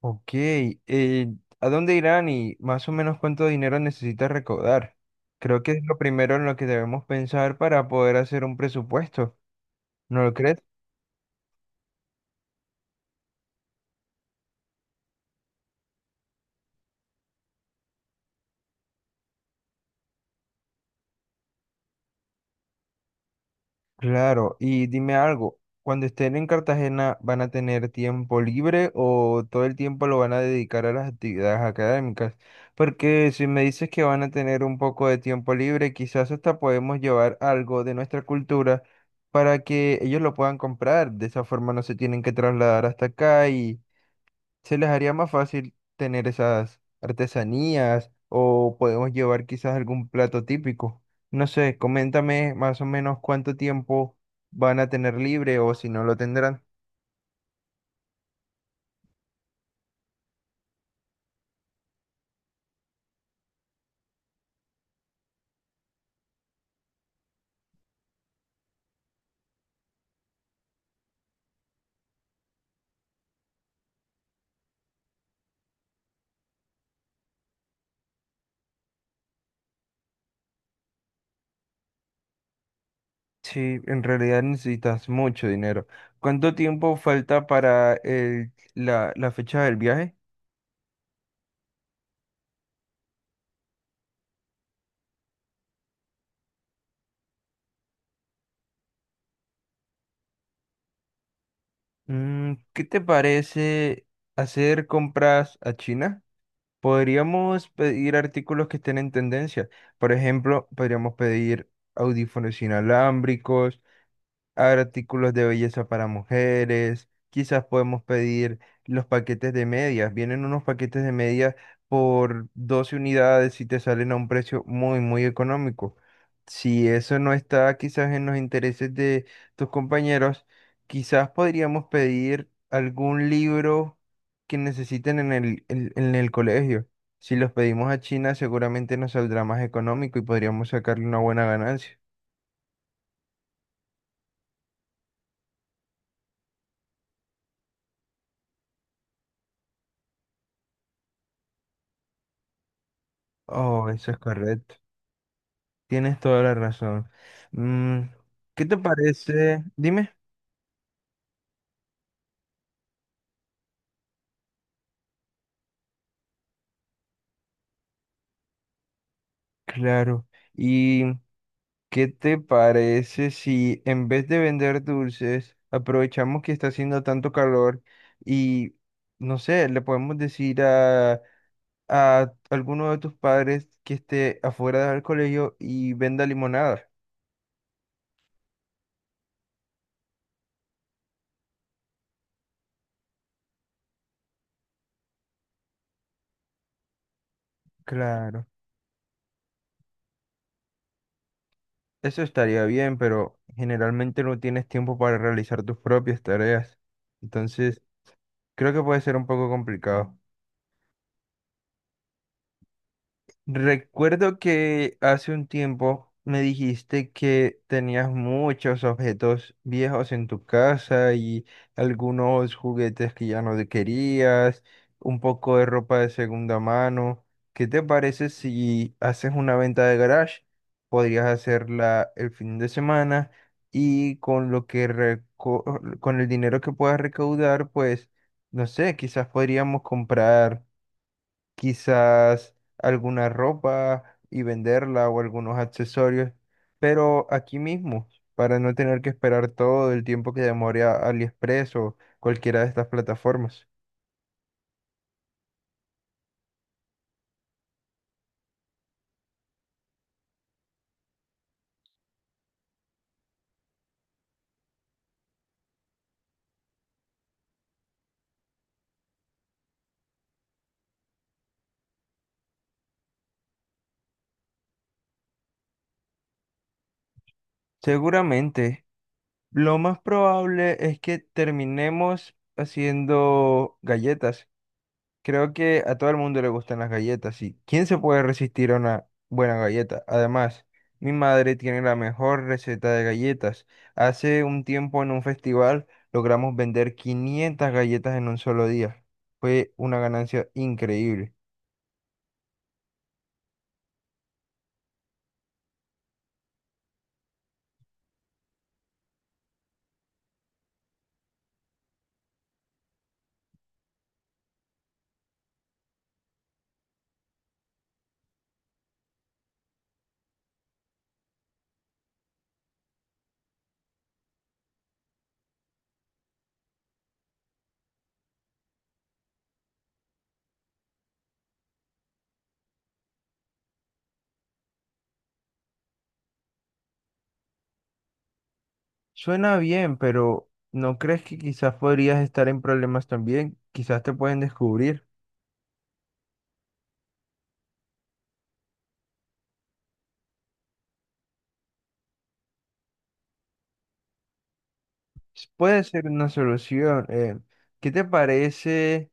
Ok, eh, ¿A dónde irán y más o menos cuánto dinero necesitas recaudar? Creo que es lo primero en lo que debemos pensar para poder hacer un presupuesto, ¿no lo crees? Claro, y dime algo, cuando estén en Cartagena, ¿van a tener tiempo libre o todo el tiempo lo van a dedicar a las actividades académicas? Porque si me dices que van a tener un poco de tiempo libre, quizás hasta podemos llevar algo de nuestra cultura para que ellos lo puedan comprar. De esa forma no se tienen que trasladar hasta acá, se les haría más fácil tener esas artesanías o podemos llevar quizás algún plato típico. No sé, coméntame más o menos cuánto tiempo van a tener libre o si no lo tendrán. Sí, en realidad necesitas mucho dinero. ¿Cuánto tiempo falta para la fecha del viaje? Mm, ¿qué te parece hacer compras a China? Podríamos pedir artículos que estén en tendencia. Por ejemplo, podríamos pedir audífonos inalámbricos, haber artículos de belleza para mujeres, quizás podemos pedir los paquetes de medias. Vienen unos paquetes de medias por 12 unidades y te salen a un precio muy, muy económico. Si eso no está quizás en los intereses de tus compañeros, quizás podríamos pedir algún libro que necesiten en el colegio. Si los pedimos a China, seguramente nos saldrá más económico y podríamos sacarle una buena ganancia. Oh, eso es correcto. Tienes toda la razón. Mm, ¿qué te parece? Dime. Claro. ¿Y qué te parece si en vez de vender dulces, aprovechamos que está haciendo tanto calor y, no sé, le podemos decir a alguno de tus padres que esté afuera del colegio y venda limonada? Claro. Eso estaría bien, pero generalmente no tienes tiempo para realizar tus propias tareas. Entonces, creo que puede ser un poco complicado. Recuerdo que hace un tiempo me dijiste que tenías muchos objetos viejos en tu casa y algunos juguetes que ya no te querías, un poco de ropa de segunda mano. ¿Qué te parece si haces una venta de garage? Podrías hacerla el fin de semana y con lo que con el dinero que puedas recaudar, pues no sé, quizás podríamos comprar quizás alguna ropa y venderla o algunos accesorios, pero aquí mismo, para no tener que esperar todo el tiempo que demore a AliExpress o cualquiera de estas plataformas. Seguramente, lo más probable es que terminemos haciendo galletas. Creo que a todo el mundo le gustan las galletas, y ¿quién se puede resistir a una buena galleta? Además, mi madre tiene la mejor receta de galletas. Hace un tiempo en un festival logramos vender 500 galletas en un solo día. Fue una ganancia increíble. Suena bien, pero ¿no crees que quizás podrías estar en problemas también? Quizás te pueden descubrir. Puede ser una solución. ¿Qué te parece?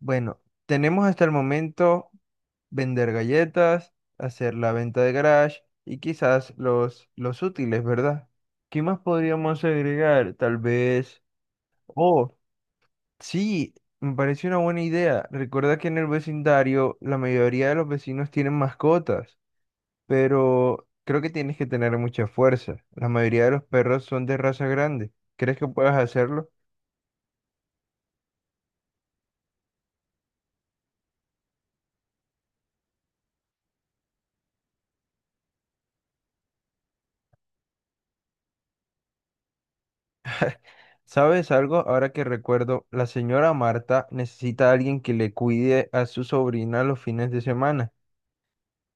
Bueno, tenemos hasta el momento... vender galletas, hacer la venta de garage y quizás los útiles, ¿verdad? ¿Qué más podríamos agregar? Tal vez... Oh, sí, me parece una buena idea. Recuerda que en el vecindario la mayoría de los vecinos tienen mascotas, pero creo que tienes que tener mucha fuerza. La mayoría de los perros son de raza grande. ¿Crees que puedas hacerlo? ¿Sabes algo? Ahora que recuerdo, la señora Marta necesita a alguien que le cuide a su sobrina los fines de semana.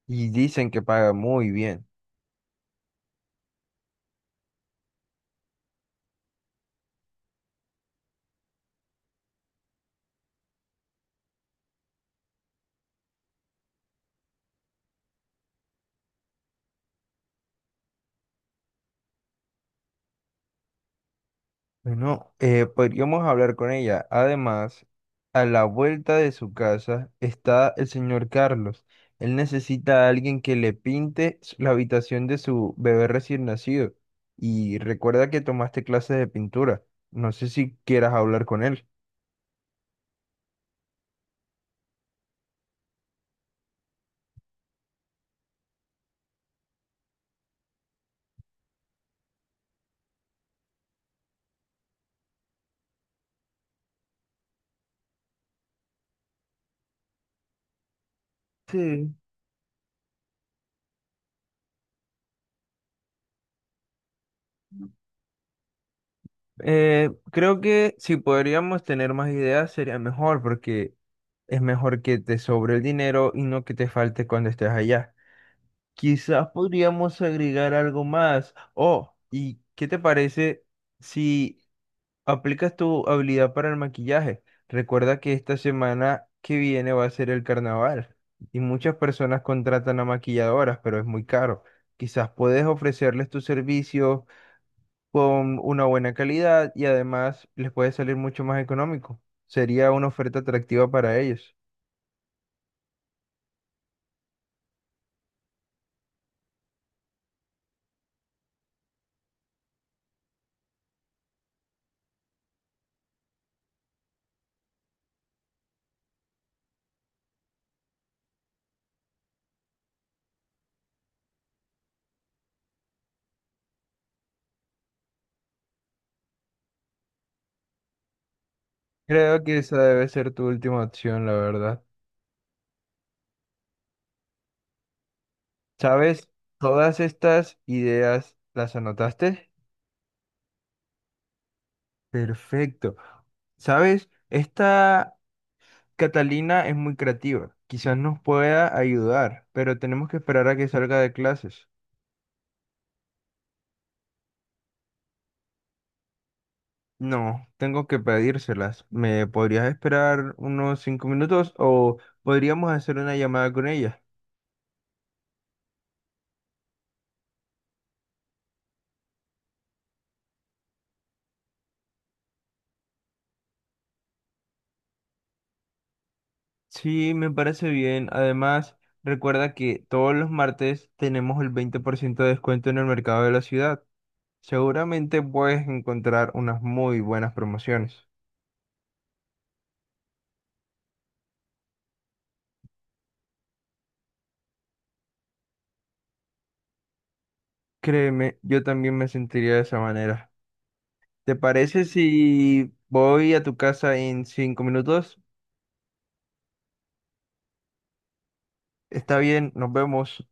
Y dicen que paga muy bien. Bueno, podríamos hablar con ella. Además, a la vuelta de su casa está el señor Carlos. Él necesita a alguien que le pinte la habitación de su bebé recién nacido. Y recuerda que tomaste clases de pintura. No sé si quieras hablar con él. Sí. Creo que si podríamos tener más ideas sería mejor porque es mejor que te sobre el dinero y no que te falte cuando estés allá. Quizás podríamos agregar algo más. Oh, ¿y qué te parece si aplicas tu habilidad para el maquillaje? Recuerda que esta semana que viene va a ser el carnaval y muchas personas contratan a maquilladoras, pero es muy caro. Quizás puedes ofrecerles tus servicios con una buena calidad y además les puede salir mucho más económico. Sería una oferta atractiva para ellos. Creo que esa debe ser tu última opción, la verdad. ¿Sabes? Todas estas ideas las anotaste. Perfecto. ¿Sabes? Esta Catalina es muy creativa. Quizás nos pueda ayudar, pero tenemos que esperar a que salga de clases. No, tengo que pedírselas. ¿Me podrías esperar unos 5 minutos o podríamos hacer una llamada con ella? Sí, me parece bien. Además, recuerda que todos los martes tenemos el 20% de descuento en el mercado de la ciudad. Seguramente puedes encontrar unas muy buenas promociones. Créeme, yo también me sentiría de esa manera. ¿Te parece si voy a tu casa en 5 minutos? Está bien, nos vemos.